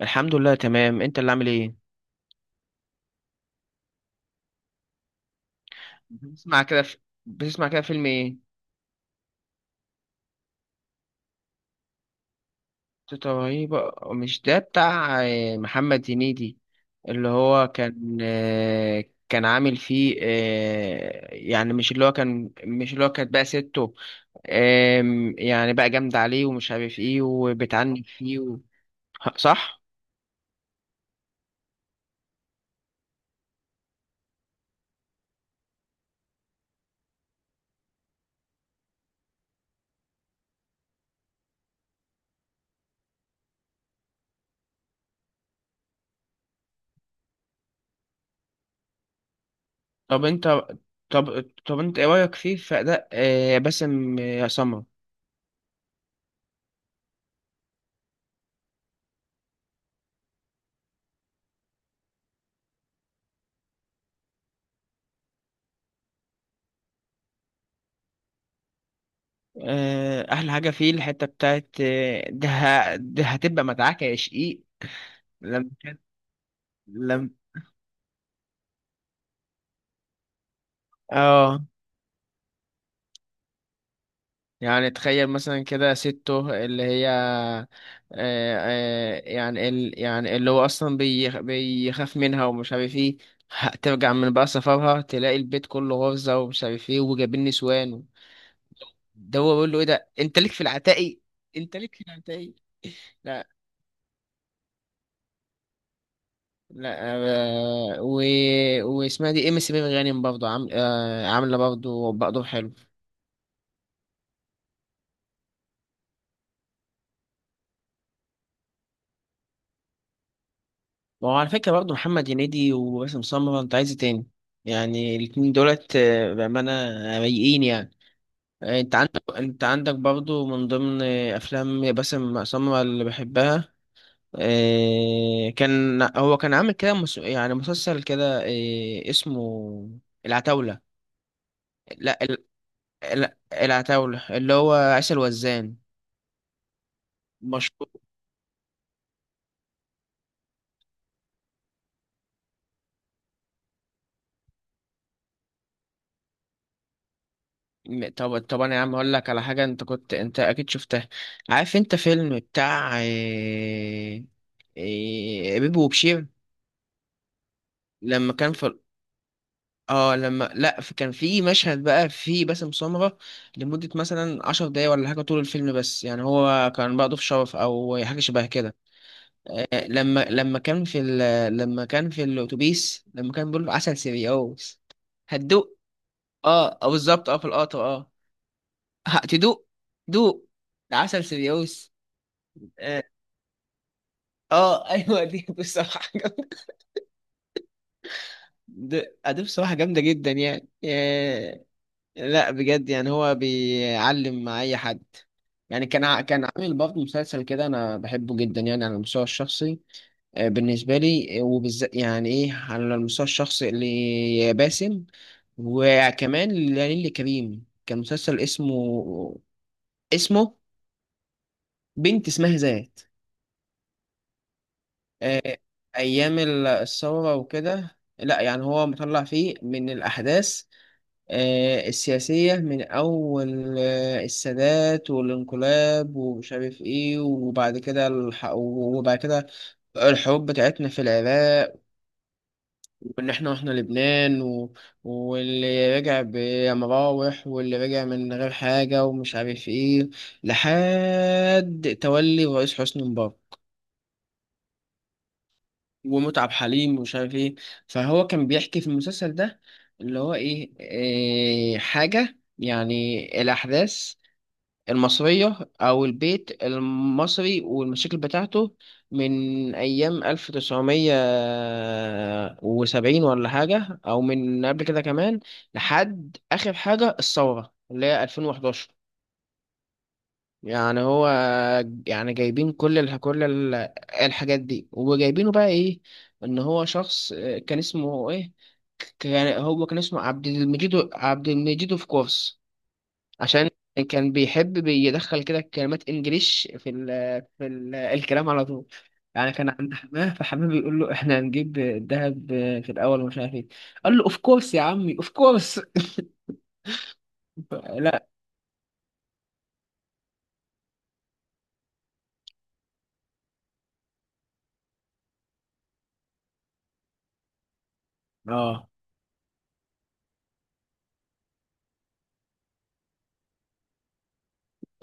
الحمد لله، تمام. انت اللي عامل ايه؟ بتسمع كده في... بتسمع كده فيلم ايه؟ تيتا رهيبة، مش ده بتاع محمد هنيدي. اللي هو كان عامل فيه، يعني مش اللي هو كانت بقى سته. يعني بقى جامد عليه ومش عارف ايه وبتعنف فيه صح. طب انت طب انت ايه رايك فيه، في اداء باسم سمرة؟ احلى حاجه فيه الحته بتاعت ده هتبقى متعاك يا شقيق. لما كان- لم اه يعني تخيل مثلا كده، سته اللي هي يعني اللي هو اصلا بيخاف منها ومش عارف ايه. ترجع من بقى سفرها، تلاقي البيت كله غرزه ومش عارف ايه، وجايبين نسوان. ده هو بيقول له: ايه ده، انت ليك في العتاقي، انت ليك في العتاقي. لا. آه، و... واسمها دي ام سي ميم غانم برضه عامله برضه حلو. وعلى فكره برضه محمد هنيدي وباسم سمرة، انت عايز إيه تاني؟ يعني الاتنين دولت، بامانه، رايقين يعني. انت عندك برضه من ضمن افلام باسم سمرة اللي بحبها. كان عامل كده يعني مسلسل كده، اسمه العتاوله. لا ال... لا، العتاوله اللي هو عسل وزان، مشهور. طب انا يا عم اقول لك على حاجه، انت اكيد شفتها. عارف انت فيلم بتاع بيبو وبشير؟ لما كان في اه لما لا في- كان في مشهد بقى في باسم سمرة لمده مثلا 10 دقايق ولا حاجه، طول الفيلم. بس يعني هو كان بقى ضيف شرف او حاجه شبه كده. آه، لما لما كان في ال... لما كان في الاتوبيس، لما كان بيقول له: عسل سيريوس، هتدوق. اه، بالظبط. اه، في القطر. اه، هتدوق، دوق، ده عسل سيريوس. اه. ايوه، دي بصراحه جامده. دي بصراحه جامده جدا يعني. لا بجد، يعني هو بيعلم مع اي حد. يعني كان عامل برضه مسلسل كده، انا بحبه جدا يعني على المستوى الشخصي. بالنسبه لي، وبالذات يعني ايه على المستوى الشخصي، اللي باسم. وكمان لليلي كريم، كان مسلسل اسمه بنت اسمها ذات. آه، ايام ال- الثوره وكده. لا يعني هو مطلع فيه من الاحداث السياسيه، من اول السادات والانقلاب ومش عارف ايه، وبعد كده الحروب بتاعتنا في العراق. وان احنا واحنا لبنان واللي رجع بمراوح واللي رجع من غير حاجه ومش عارف ايه، لحد تولي الرئيس حسني مبارك. ومتعب حليم ومش عارف ايه. فهو كان بيحكي في المسلسل ده، اللي هو إيه حاجة، يعني الأحداث المصرية أو البيت المصري والمشاكل بتاعته من أيام 1970 ولا حاجة، أو من قبل كده كمان. لحد آخر حاجة الثورة، اللي هي 2011. يعني هو، يعني جايبين الحاجات دي، وجايبينه بقى ايه، ان هو شخص، كان اسمه ايه، كان اسمه عبد المجيد. عبد المجيد اوف كورس، عشان كان بيحب بيدخل كده كلمات انجليش في الكلام على طول. يعني كان عند حماه، فحماه بيقول له: احنا هنجيب الذهب في الاول ومش عارف ايه. قال له: اوف كورس يا عمي، اوف كورس. لا. اه،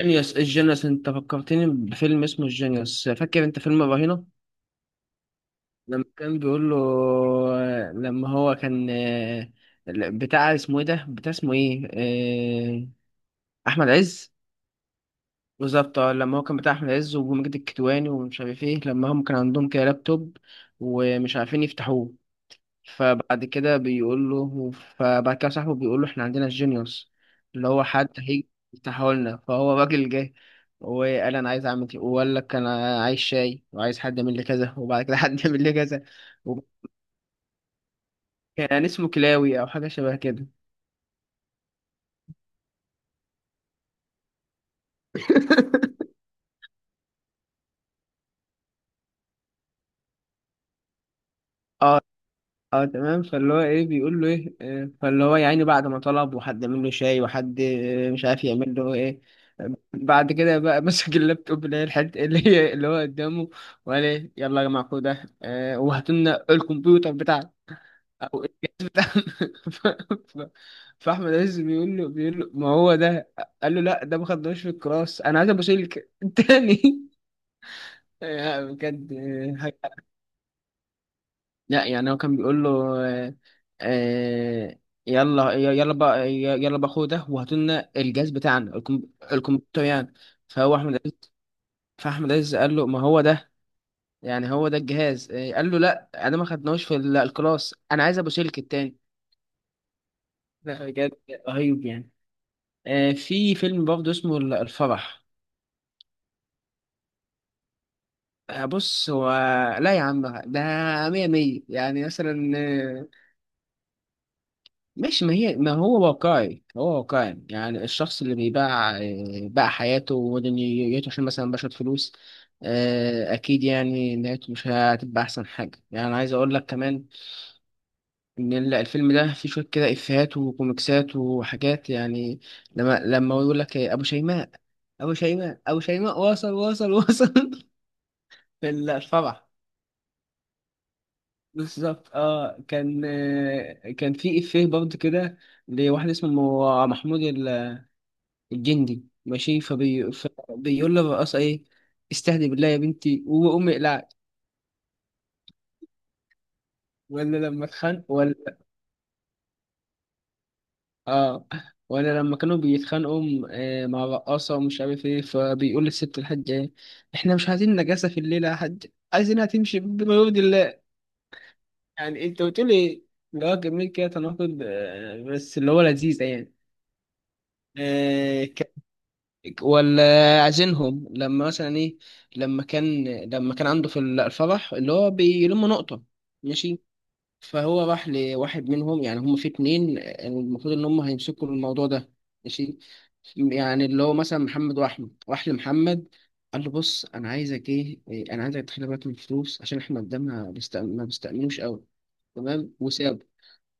الجينيوس انت فكرتني بفيلم اسمه الجينيوس. فاكر انت فيلم الرهينة؟ لما كان بيقول له لما هو كان بتاع اسمه ايه ده، بتاع اسمه ايه، آه، احمد عز. بالظبط، اه. لما هو كان بتاع احمد عز ومجد الكدواني ومش عارف ايه، لما هم كان عندهم كده لابتوب ومش عارفين يفتحوه. فبعد كده صاحبه بيقول له: احنا عندنا الجينيوس، اللي هو حد هيجي يفتحولنا. فهو راجل جه وقال: انا عايز اعمل كده، وقال لك انا عايز شاي وعايز حد يعمل لي كذا، وبعد كده حد يعمل لي كذا. وكان اسمه كلاوي او حاجه شبه كده. اه اه تمام. فاللي هو ايه، بيقول له ايه، فاللي هو يعني بعد ما طلب، وحد عمل له شاي وحد مش عارف يعمل له ايه. بعد كده بقى مسك اللابتوب، اللي هي الحته اللي هي اللي هو قدامه، وقال: ايه، يلا يا جماعه خدوا ده، وهاتوا لنا الكمبيوتر بتاعنا او الجهاز بتاعنا. ف- ف- فاحمد عز بيقول له: ما هو ده. قال له: لا، ده ما خدناش في الكلاس، انا عايز ابو سلك تاني. يعني بجد. لا يعني هو كان بيقول له آه آه، يلا يلا بقى خدوا ده وهاتوا لنا الجهاز بتاعنا، الكمبيوتر يعني. فهو احمد عز فاحمد عز قال له: ما هو ده، يعني هو ده الجهاز. قال له: لا، انا ما خدناهوش في ال- الكلاس، انا عايز ابو سلك التاني. لا بجد، رهيب يعني. في فيلم برضه اسمه ال- الفرح. بص هو، لا يا عم، ده مية مية يعني. مثلا مش، ما هو واقعي، هو واقعي يعني. الشخص اللي بيباع، باع حياته ودنيته عشان مثلا بشرة فلوس. أكيد يعني نهايته مش هتبقى أحسن حاجة. يعني أنا عايز أقول لك كمان، إن ال- الفيلم ده فيه شوية كده إفيهات وكوميكسات وحاجات يعني. لما هو يقول لك إيه، أبو شيماء، أبو شيماء أبو شيماء وصل وصل وصل. في الفرح. بالظبط، اه. كان في إفيه برضه كده، لواحد اسمه محمود الجندي، ماشي. فبيقول له: رقاصة ايه، استهدي بالله يا بنتي، وأمي اقلعت. ولا لما اتخانق ولا. اه. ولا لما كانوا بيتخانقوا مع رقاصة ومش عارف ايه، فبيقول للست الحاجة: ايه، احنا مش عايزين نجاسة في الليلة يا حاج، عايزينها تمشي بما يرضي الله. يعني انت قلت لي، اللي هو جميل كده تناقض، بس اللي هو لذيذ يعني. آه، ولا عايزينهم لما مثلا ايه، لما كان عنده في الفرح اللي هو بيلم نقطة، ماشي. فهو راح لواحد منهم، يعني هم في 2، المفروض ان هم هيمسكوا الموضوع ده، ماشي. يعني اللي هو مثلا محمد واحمد، راح لمحمد. قال له: بص انا عايزك ايه إيه، انا عايزك تخلي بالك من الفلوس، عشان احنا قدامنا ما بيستأمنوش قوي، تمام. وسابه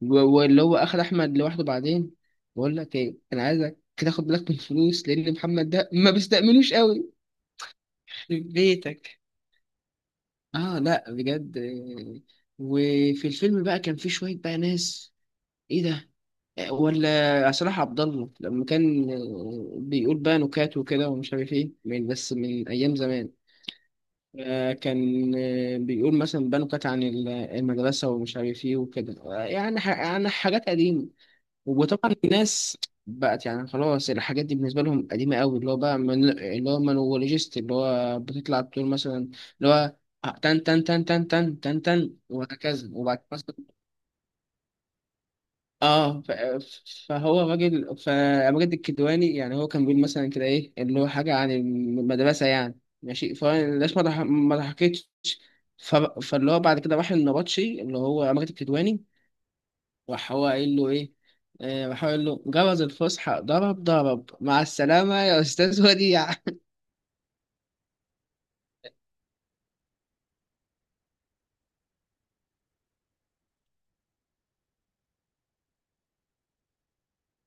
و- واللي هو اخد احمد لوحده بعدين، بقول لك ايه، انا عايزك تاخد بالك من الفلوس، لان محمد ده ما بيستأمنوش قوي. يخرب بيتك. اه، لا بجد. وفي الفيلم بقى كان في شويه بقى ناس، ايه ده. ولا صلاح عبد الله لما كان بيقول بقى نكات وكده ومش عارف ايه، من ايام زمان. كان بيقول مثلا بقى نكات عن ال- المدرسه ومش عارف ايه وكده، يعني عن حاجات قديمه. وطبعا الناس بقت يعني خلاص، الحاجات دي بالنسبة لهم قديمة قوي. اللي هو بقى من اللي هو مانولوجيست، اللي هو بتطلع بتقول مثلا، اللي هو تن تن تن تن تن تن تن، وهكذا، وبعد مثلا. اه. فهو راجل، فمجد الكدواني يعني هو كان بيقول مثلا كده ايه، اللي هو حاجة عن المدرسة يعني، ماشي. فالناس ما ضحكتش. فاللي هو بعد كده راح النبطشي، اللي هو مجد الكدواني. راح هو قايل له ايه راح هو قايل له: جرس الفسحة ضرب ضرب، مع السلامة يا أستاذ وديع.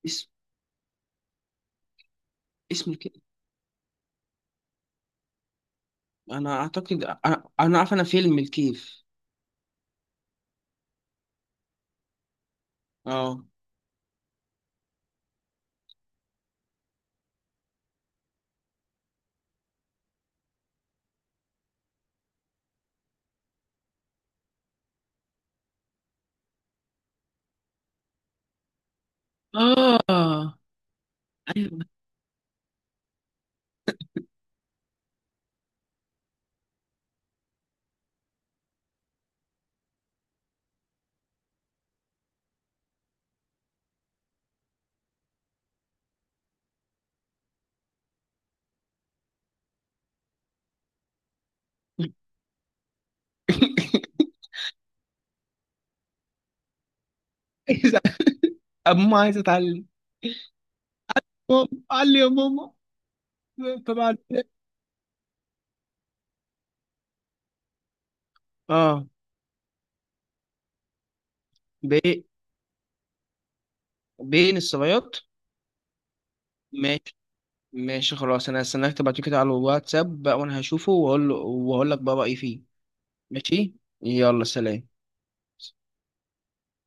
اسم اسم الكيف. أنا أعتقد، أنا عارف أنا فيلم الكيف. أه اه ايوه. عايز- أما عايز أتعلم. ماما، علي يا ماما. طبعا. أه. بي... بين الصبيات. ماشي، ماشي، خلاص. أنا هستناك تبعتلي كده على الواتساب بقى، وأنا هشوفه وأقول لك بقى رأيي فيه. ماشي. يلا، سلام.